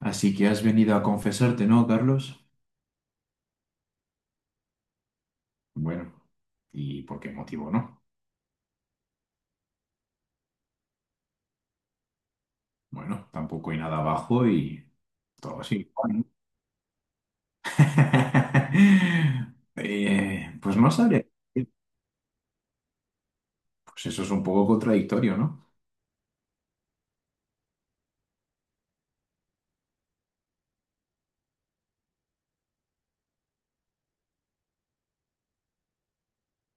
Así que has venido a confesarte, ¿no, Carlos? Bueno, ¿y por qué motivo no? Bueno, tampoco hay nada abajo y todo así. Pues no sabría. Pues eso es un poco contradictorio, ¿no?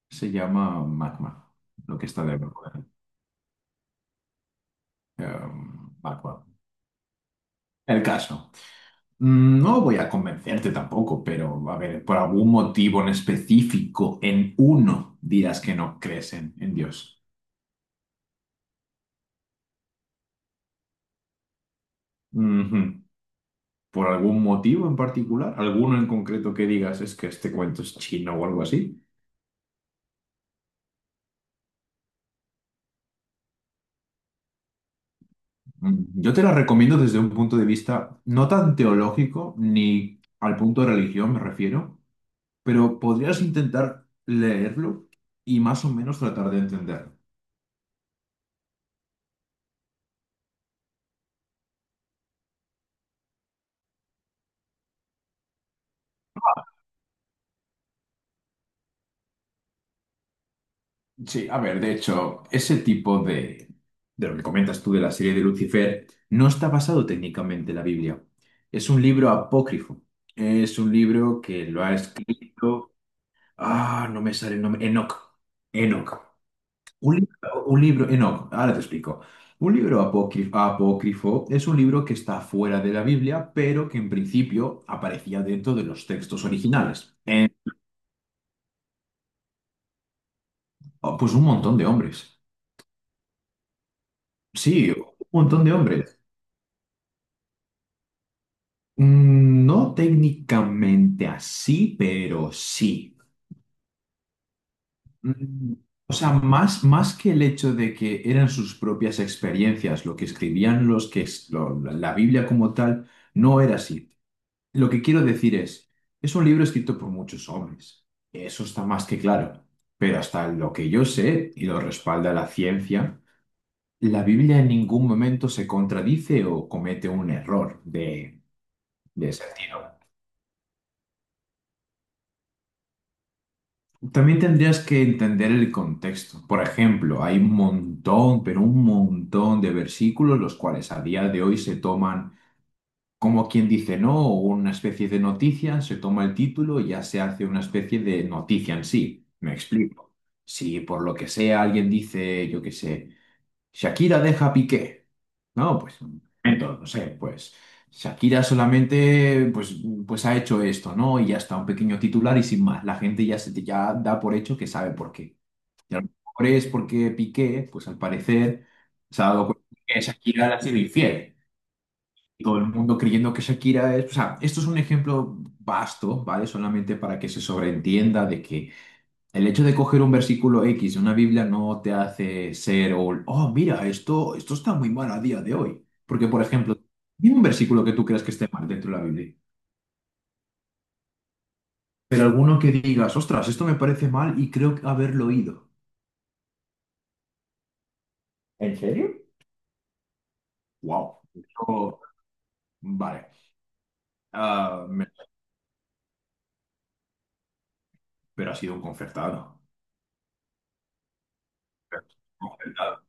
Se llama magma, lo que está debajo. Magma. El caso. Mm, no voy a convencerte tampoco, pero a ver, por algún motivo en específico, en uno, dirás que no crees en Dios. Ujú. ¿Por algún motivo en particular? ¿Alguno en concreto que digas es que este cuento es chino o algo así? Mm, yo te la recomiendo desde un punto de vista no tan teológico ni al punto de religión me refiero, pero podrías intentar leerlo y más o menos tratar de entenderlo. Sí, a ver, de hecho, ese de lo que comentas tú de la serie de Lucifer no está basado técnicamente en la Biblia. Es un libro apócrifo. Es un libro que lo ha escrito. Ah, no me sale el nombre. Enoch. Enoch. Un libro, Enoch, ahora te explico. Un libro apócrifo es un libro que está fuera de la Biblia, pero que en principio aparecía dentro de los textos originales. Oh, pues un montón de hombres. Sí, un montón de hombres. Mm, no técnicamente así, pero sí. Mm, o sea, más que el hecho de que eran sus propias experiencias, lo que escribían los que es, la Biblia como tal, no era así. Lo que quiero decir es un libro escrito por muchos hombres. Eso está más que claro. Pero hasta lo que yo sé, y lo respalda la ciencia, la Biblia en ningún momento se contradice o comete un error de sentido. También tendrías que entender el contexto. Por ejemplo, hay un montón, pero un montón de versículos los cuales a día de hoy se toman como quien dice no, o una especie de noticia, se toma el título y ya se hace una especie de noticia en sí. Me explico. Si por lo que sea alguien dice, yo qué sé, Shakira deja a Piqué. No, pues un momento, no sé, pues Shakira solamente pues, pues ha hecho esto, ¿no? Y ya está, un pequeño titular y sin más. La gente ya, se, ya da por hecho que sabe por qué. Y a lo mejor es porque Piqué, pues al parecer, se ha dado cuenta que Shakira le ha sido infiel. Y todo el mundo creyendo que Shakira es... O sea, esto es un ejemplo vasto, ¿vale? Solamente para que se sobreentienda de que el hecho de coger un versículo X de una Biblia no te hace ser, oh, mira, esto está muy mal a día de hoy. Porque, por ejemplo, dime un versículo que tú creas que esté mal dentro de la Biblia, pero alguno que digas, ostras, esto me parece mal y creo haberlo oído. ¿En serio? Wow. Vale. Ah, me- pero ha sido un concertado. Pero es un concertado.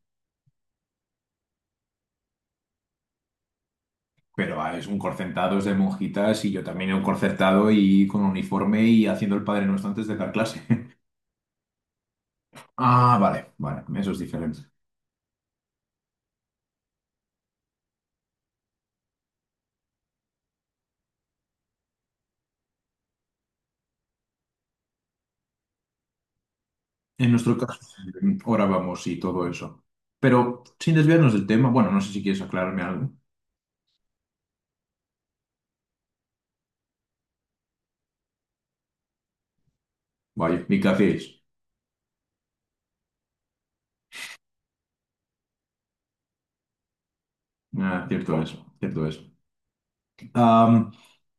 Pero, es un concertado, es de monjitas y yo también he un concertado y con uniforme y haciendo el Padre Nuestro antes de dar clase. Ah, vale, eso es diferente. En nuestro caso, ahora vamos y todo eso. Pero sin desviarnos del tema, bueno, no sé si quieres aclararme algo. Vaya, mi café es. Ah, cierto es. Am,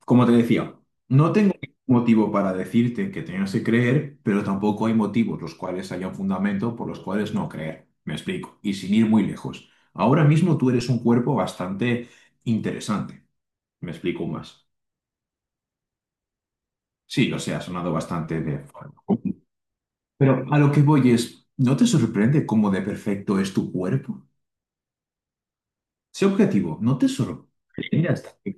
Como te decía, no tengo ningún motivo para decirte que tengas que creer, pero tampoco hay motivos los cuales haya un fundamento por los cuales no creer. Me explico. Y sin ir muy lejos. Ahora mismo tú eres un cuerpo bastante interesante. Me explico más. Sí, lo sé, ha sonado bastante de... forma. Pero a lo que voy es, ¿no te sorprende cómo de perfecto es tu cuerpo? Sé objetivo, ¿no te sorprende hasta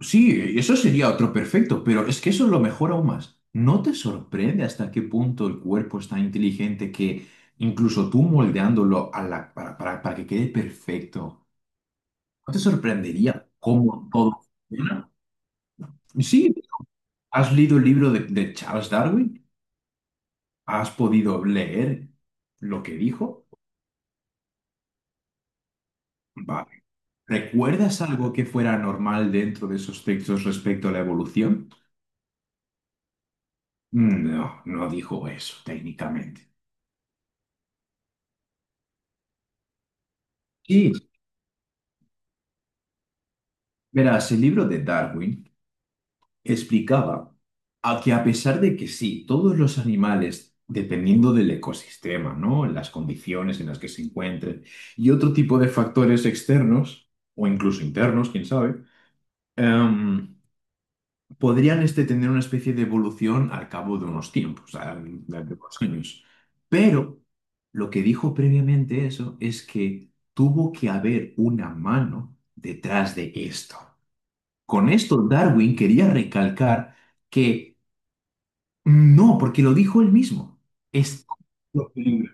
Sí, eso sería otro perfecto, pero es que eso es lo mejor aún más. ¿No te sorprende hasta qué punto el cuerpo es tan inteligente que incluso tú moldeándolo a para que quede perfecto, ¿no te sorprendería cómo todo funciona? Sí, ¿has leído el libro de Charles Darwin? ¿Has podido leer lo que dijo? ¿Recuerdas algo que fuera normal dentro de esos textos respecto a la evolución? Mm, no, no dijo eso técnicamente. Sí, verás, el libro de Darwin explicaba a que a pesar de que sí, todos los animales, dependiendo del ecosistema, ¿no? Las condiciones en las que se encuentren y otro tipo de factores externos o incluso internos, quién sabe, em, podrían este, tener una especie de evolución al cabo de unos tiempos, de unos años. Pero lo que dijo previamente eso es que tuvo que haber una mano detrás de esto. Con esto, Darwin quería recalcar que no, porque lo dijo él mismo. Es lo que libre.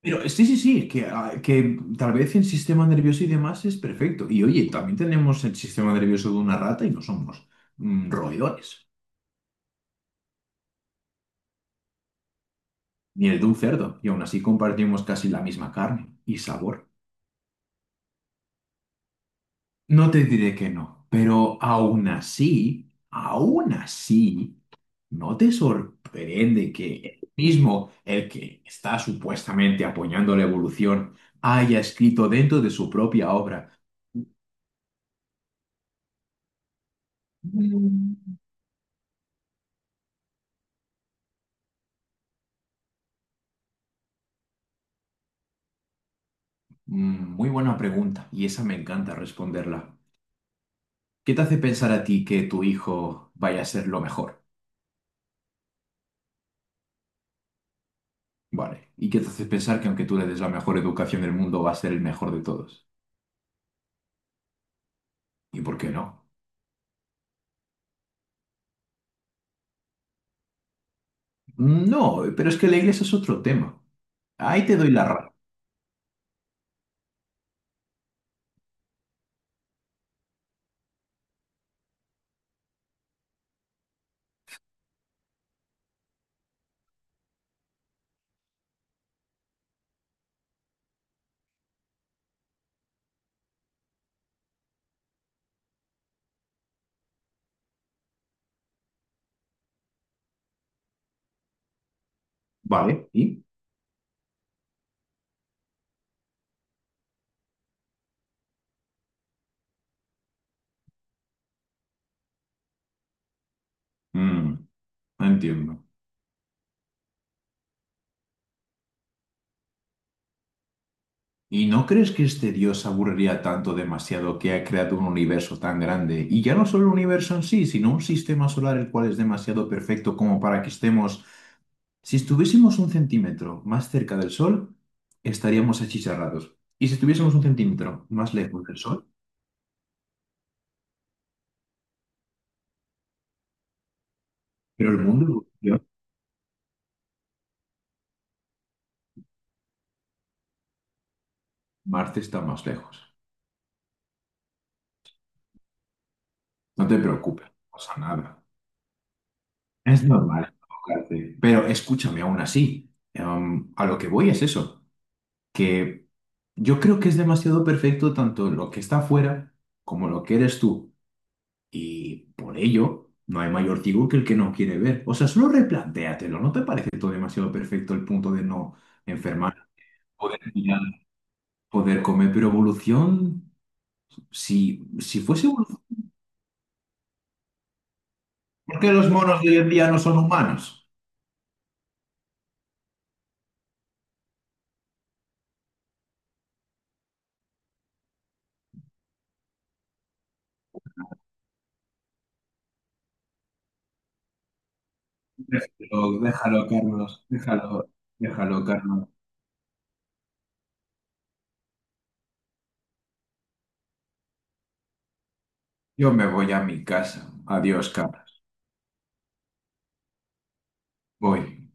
Pero sí, que, que tal vez el sistema nervioso y demás es perfecto. Y oye, también tenemos el sistema nervioso de una rata y no somos roedores. Ni el de un cerdo, y aún así compartimos casi la misma carne y sabor. No te diré que no, pero aún así, ¿no te sorprende que el mismo, el que está supuestamente apoyando la evolución, haya escrito dentro de su propia obra? Mm, Muy buena pregunta, y esa me encanta responderla. ¿Qué te hace pensar a ti que tu hijo vaya a ser lo mejor? Vale. ¿Y qué te hace pensar que aunque tú le des la mejor educación del mundo, va a ser el mejor de todos? ¿Y por qué no? No, pero es que la iglesia es otro tema. Ahí te doy la razón. Vale, ¿y? Mm, entiendo. ¿Y no crees que este Dios se aburriría tanto demasiado que ha creado un universo tan grande? Y ya no solo el universo en sí, sino un sistema solar el cual es demasiado perfecto como para que estemos... Si estuviésemos un centímetro más cerca del Sol, estaríamos achicharrados. Y si estuviésemos un centímetro más lejos del Sol, pero el mundo evoluciona. Marte está más lejos. No te preocupes, no pasa nada. Es normal equivocarte. Pero escúchame, aún así, a lo que voy es eso, que yo creo que es demasiado perfecto tanto lo que está afuera como lo que eres tú. Y por ello, no hay mayor ciego que el que no quiere ver. O sea, solo replantéatelo. ¿No te parece todo demasiado perfecto el punto de no enfermar, poder mirar, poder comer? Pero evolución, si fuese evolución, ¿por qué los monos de hoy en día no son humanos? Déjalo, déjalo, Carlos, déjalo, déjalo, Carlos. Yo me voy a mi casa. Adiós, Carlos. Voy.